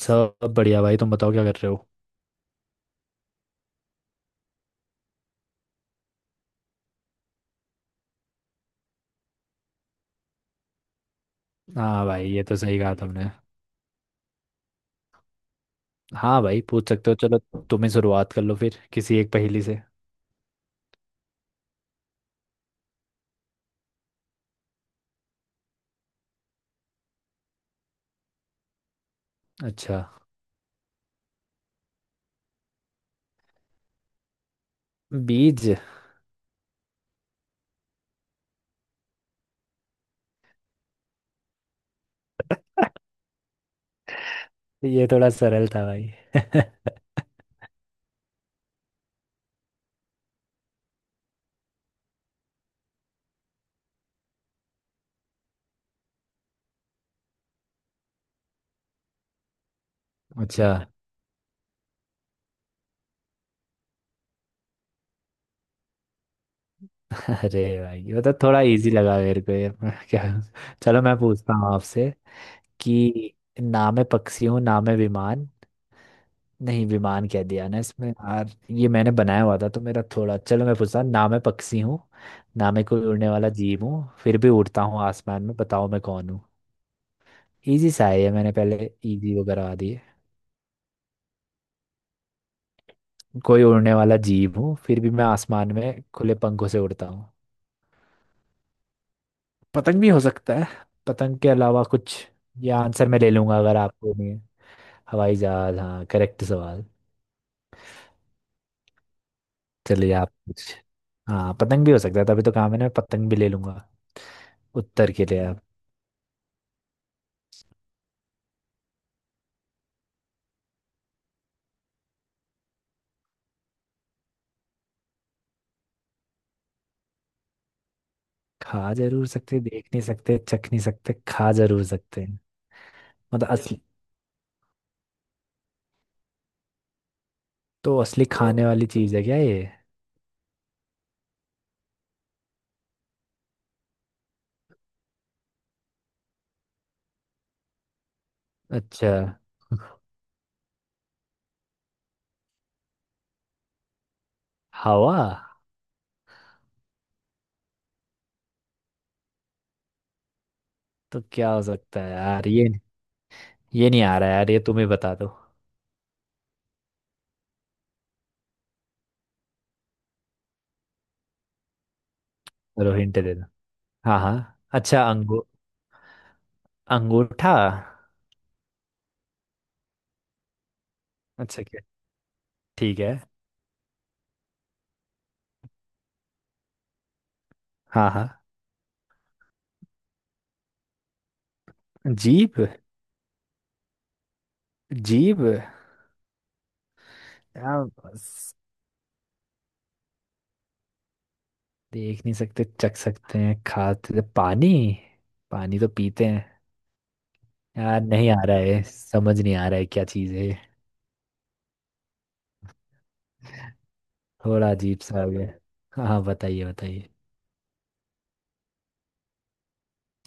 सब बढ़िया भाई। तुम बताओ क्या कर रहे हो। हाँ भाई, ये तो सही कहा तुमने। हाँ भाई, पूछ सकते हो, चलो। तुम ही शुरुआत कर लो फिर किसी एक पहेली से। अच्छा। बीज। ये थोड़ा सरल था भाई। अच्छा। अरे भाई, ये तो थोड़ा इजी लगा मेरे को ये। क्या। चलो मैं पूछता हूँ आपसे कि ना मैं पक्षी हूँ ना मैं विमान। नहीं, विमान कह दिया ना इसमें यार। ये मैंने बनाया हुआ था तो मेरा थोड़ा। चलो मैं पूछता हूँ, ना मैं पक्षी हूँ ना मैं कोई उड़ने वाला जीव हूँ फिर भी उड़ता हूँ आसमान में, बताओ मैं कौन हूँ। इजी सा है ये, मैंने पहले इजी वगैरह आ दिए। कोई उड़ने वाला जीव हूँ फिर भी मैं आसमान में खुले पंखों से उड़ता हूँ। पतंग भी हो सकता है। पतंग के अलावा कुछ? ये आंसर मैं ले लूंगा अगर आपको नहीं है। हवाई जहाज, हाँ करेक्ट सवाल। चलिए आप कुछ। हाँ पतंग भी हो सकता है, तभी तो काम है ना, पतंग भी ले लूंगा उत्तर के लिए। खा जरूर सकते, देख नहीं सकते, चख नहीं सकते, खा जरूर सकते हैं। मतलब असली? तो असली तो खाने वाली चीज है क्या ये? अच्छा। हवा? तो क्या हो सकता है यार ये? ये नहीं आ रहा है यार, ये तुम ही बता दो। चलो हिंट दे दो। हाँ हाँ अच्छा। अंगूठा। अच्छा क्या? ठीक है। हाँ हाँ। जीभ। जीभ। यार बस, देख नहीं सकते, चख सकते हैं, खाते। पानी। पानी तो पीते हैं। यार नहीं आ रहा है, समझ नहीं आ रहा है क्या चीज़ है। थोड़ा अजीब सा हो गया। हाँ हाँ, बताइए बताइए।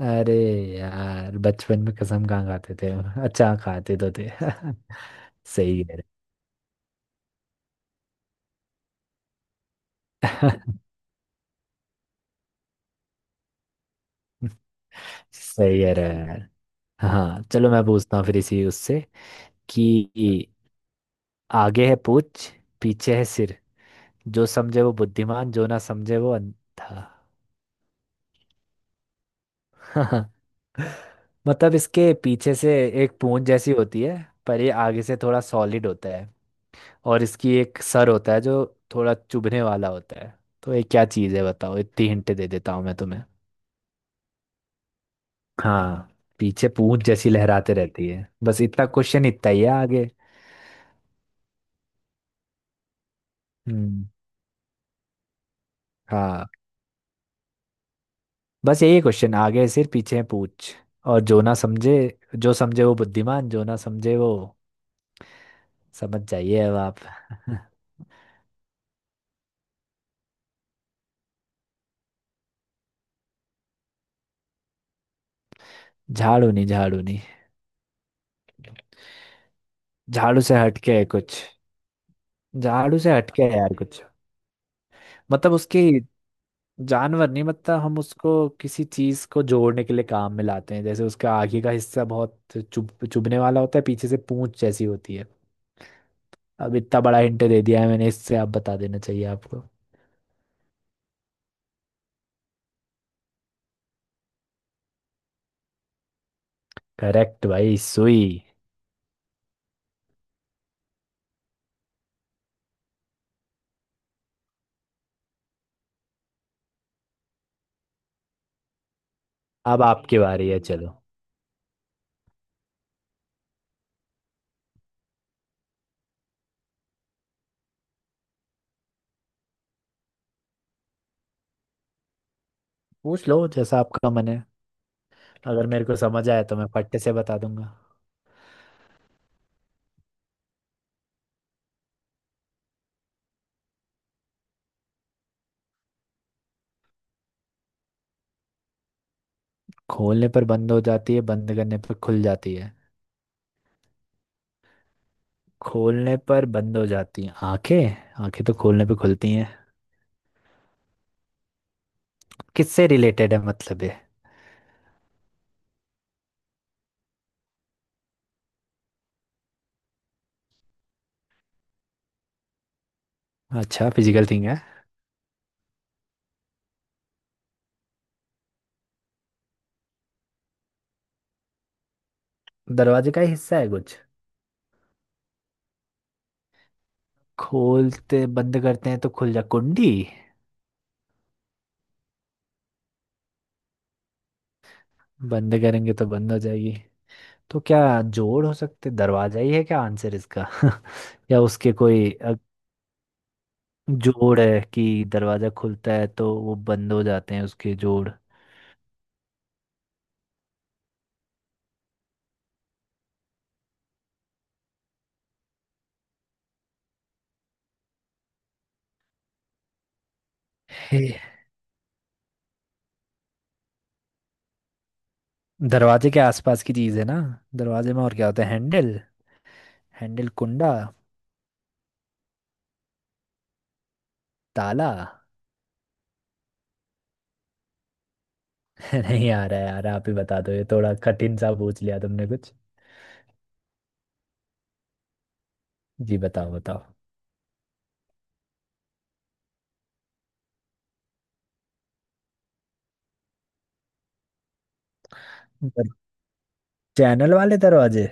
अरे यार बचपन में कसम कहाँ खाते थे हम? अच्छा, खाते तो थे। सही कह रहे सही कह रहे हो यार। हाँ चलो मैं पूछता हूँ फिर इसी उससे कि आगे है पूछ, पीछे है सिर, जो समझे वो बुद्धिमान, जो ना समझे वो अंधा। मतलब इसके पीछे से एक पूंछ जैसी होती है, पर ये आगे से थोड़ा सॉलिड होता है और इसकी एक सर होता है जो थोड़ा चुभने वाला होता है। तो ये क्या चीज़ है बताओ, इतनी हिंट दे देता हूँ मैं तुम्हें। हाँ, पीछे पूंछ जैसी लहराते रहती है, बस इतना क्वेश्चन, इतना ही है। आगे, हम्म, हाँ, बस यही क्वेश्चन, आगे है सिर, पीछे है पूंछ। और जो ना समझे, जो समझे वो बुद्धिमान, जो ना समझे वो, समझ जाइए अब आप। झाड़ू नहीं, झाड़ू नहीं। झाड़ू से हटके है कुछ। झाड़ू से हटके है यार कुछ। मतलब उसकी, जानवर नहीं, मतलब हम उसको किसी चीज को जोड़ने के लिए काम में लाते हैं, जैसे उसका आगे का हिस्सा बहुत चुभने वाला होता है, पीछे से पूंछ जैसी होती है। अब इतना बड़ा हिंट दे दिया है मैंने, इससे आप बता देना चाहिए आपको। करेक्ट भाई, सुई। अब आपकी बारी है, चलो। पूछ लो जैसा आपका मन है। अगर मेरे को समझ आया तो मैं फट्टे से बता दूंगा। खोलने पर बंद हो जाती है, बंद करने पर खुल जाती है? खोलने पर बंद हो जाती है, आंखें? आंखें तो खोलने पे खुलती हैं। किससे रिलेटेड है मतलब ये? अच्छा फिजिकल थिंग है। दरवाजे का ही हिस्सा है कुछ? खोलते बंद करते हैं तो खुल जा, कुंडी? बंद करेंगे तो बंद हो जाएगी। तो क्या जोड़ हो सकते, दरवाजा ही है क्या आंसर इसका? या उसके कोई जोड़ है कि दरवाजा खुलता है तो वो बंद हो जाते हैं उसके जोड़? हे, दरवाजे के आसपास की चीज है ना। दरवाजे में और क्या होता है, हैंडल? हैंडल, कुंडा, ताला। नहीं आ रहा है यार, आप ही बता दो, ये थोड़ा कठिन सा पूछ लिया तुमने कुछ। जी बताओ बताओ। चैनल वाले दरवाजे?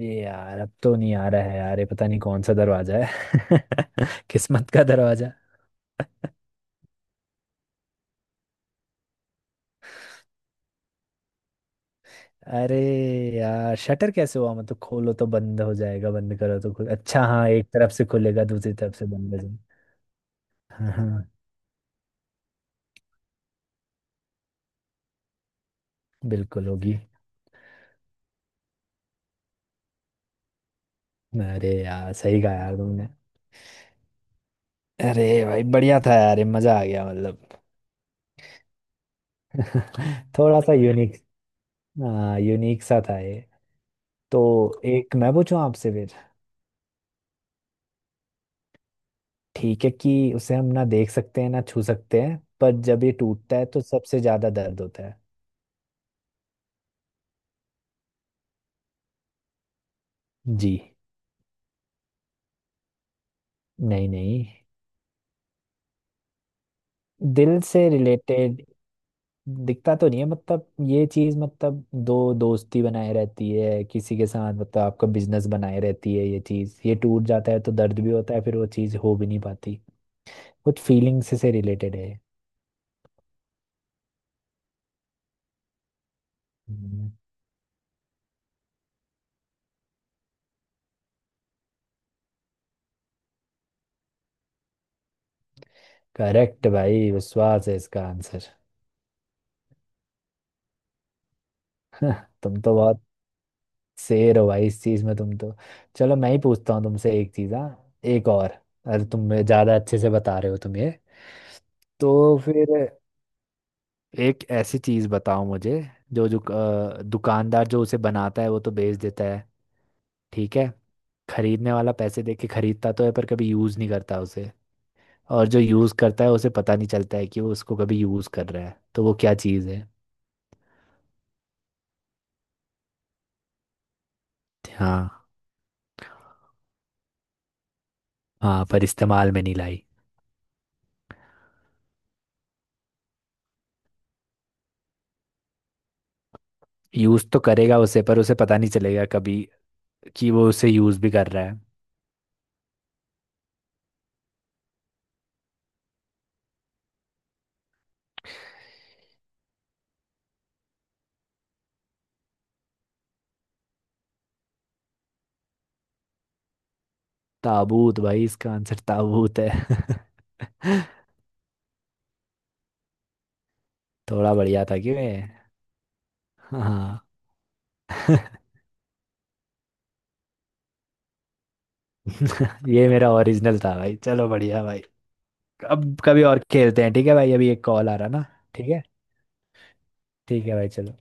ये यार अब तो नहीं आ रहा है यार ये, पता नहीं कौन सा दरवाजा है। किस्मत का दरवाजा। अरे यार शटर कैसे हुआ? मतलब खोलो तो बंद हो जाएगा, बंद करो तो खुल। अच्छा हाँ, एक तरफ से खुलेगा, दूसरी तरफ से बंद हो जाएगा। हाँ हाँ, बिल्कुल होगी। अरे यार सही कहा यार तुमने। अरे भाई बढ़िया था यार, ये मजा आ गया मतलब। थोड़ा सा यूनिक। हाँ यूनिक सा था ये। तो एक मैं पूछूं आपसे। ठीक है कि उसे हम ना देख सकते हैं ना छू सकते हैं, पर जब ये टूटता है तो सबसे ज्यादा दर्द होता है। जी। नहीं नहीं। दिल से रिलेटेड? दिखता तो नहीं है, मतलब ये चीज, मतलब दो दोस्ती बनाए रहती है किसी के साथ, मतलब आपका बिजनेस बनाए रहती है ये चीज, ये टूट जाता है तो दर्द भी होता है, फिर वो चीज हो भी नहीं पाती। कुछ फीलिंग से रिलेटेड है। हम्म। करेक्ट भाई, विश्वास है इसका आंसर। तुम तो बहुत शेर हो भाई इस चीज में तुम तो। चलो मैं ही पूछता हूँ तुमसे एक चीज, हाँ, एक और। अरे तुम ज्यादा अच्छे से बता रहे हो तुम ये। तो फिर एक ऐसी चीज बताओ मुझे, जो जो दुकानदार जो उसे बनाता है वो तो बेच देता है, ठीक है? खरीदने वाला पैसे दे के खरीदता तो है पर कभी यूज नहीं करता उसे। और जो यूज करता है उसे पता नहीं चलता है कि वो उसको कभी यूज कर रहा है, तो वो क्या चीज है? हाँ। हाँ पर इस्तेमाल में नहीं लाई। यूज तो करेगा उसे पर उसे पता नहीं चलेगा कभी, कि वो उसे यूज भी कर रहा है। ताबूत भाई, इसका आंसर ताबूत है। थोड़ा बढ़िया था कि मैं। हाँ। ये मेरा ओरिजिनल था भाई, चलो बढ़िया भाई। अब कभी और खेलते हैं, ठीक है भाई, अभी एक कॉल आ रहा ना। ठीक है। ठीक है भाई चलो।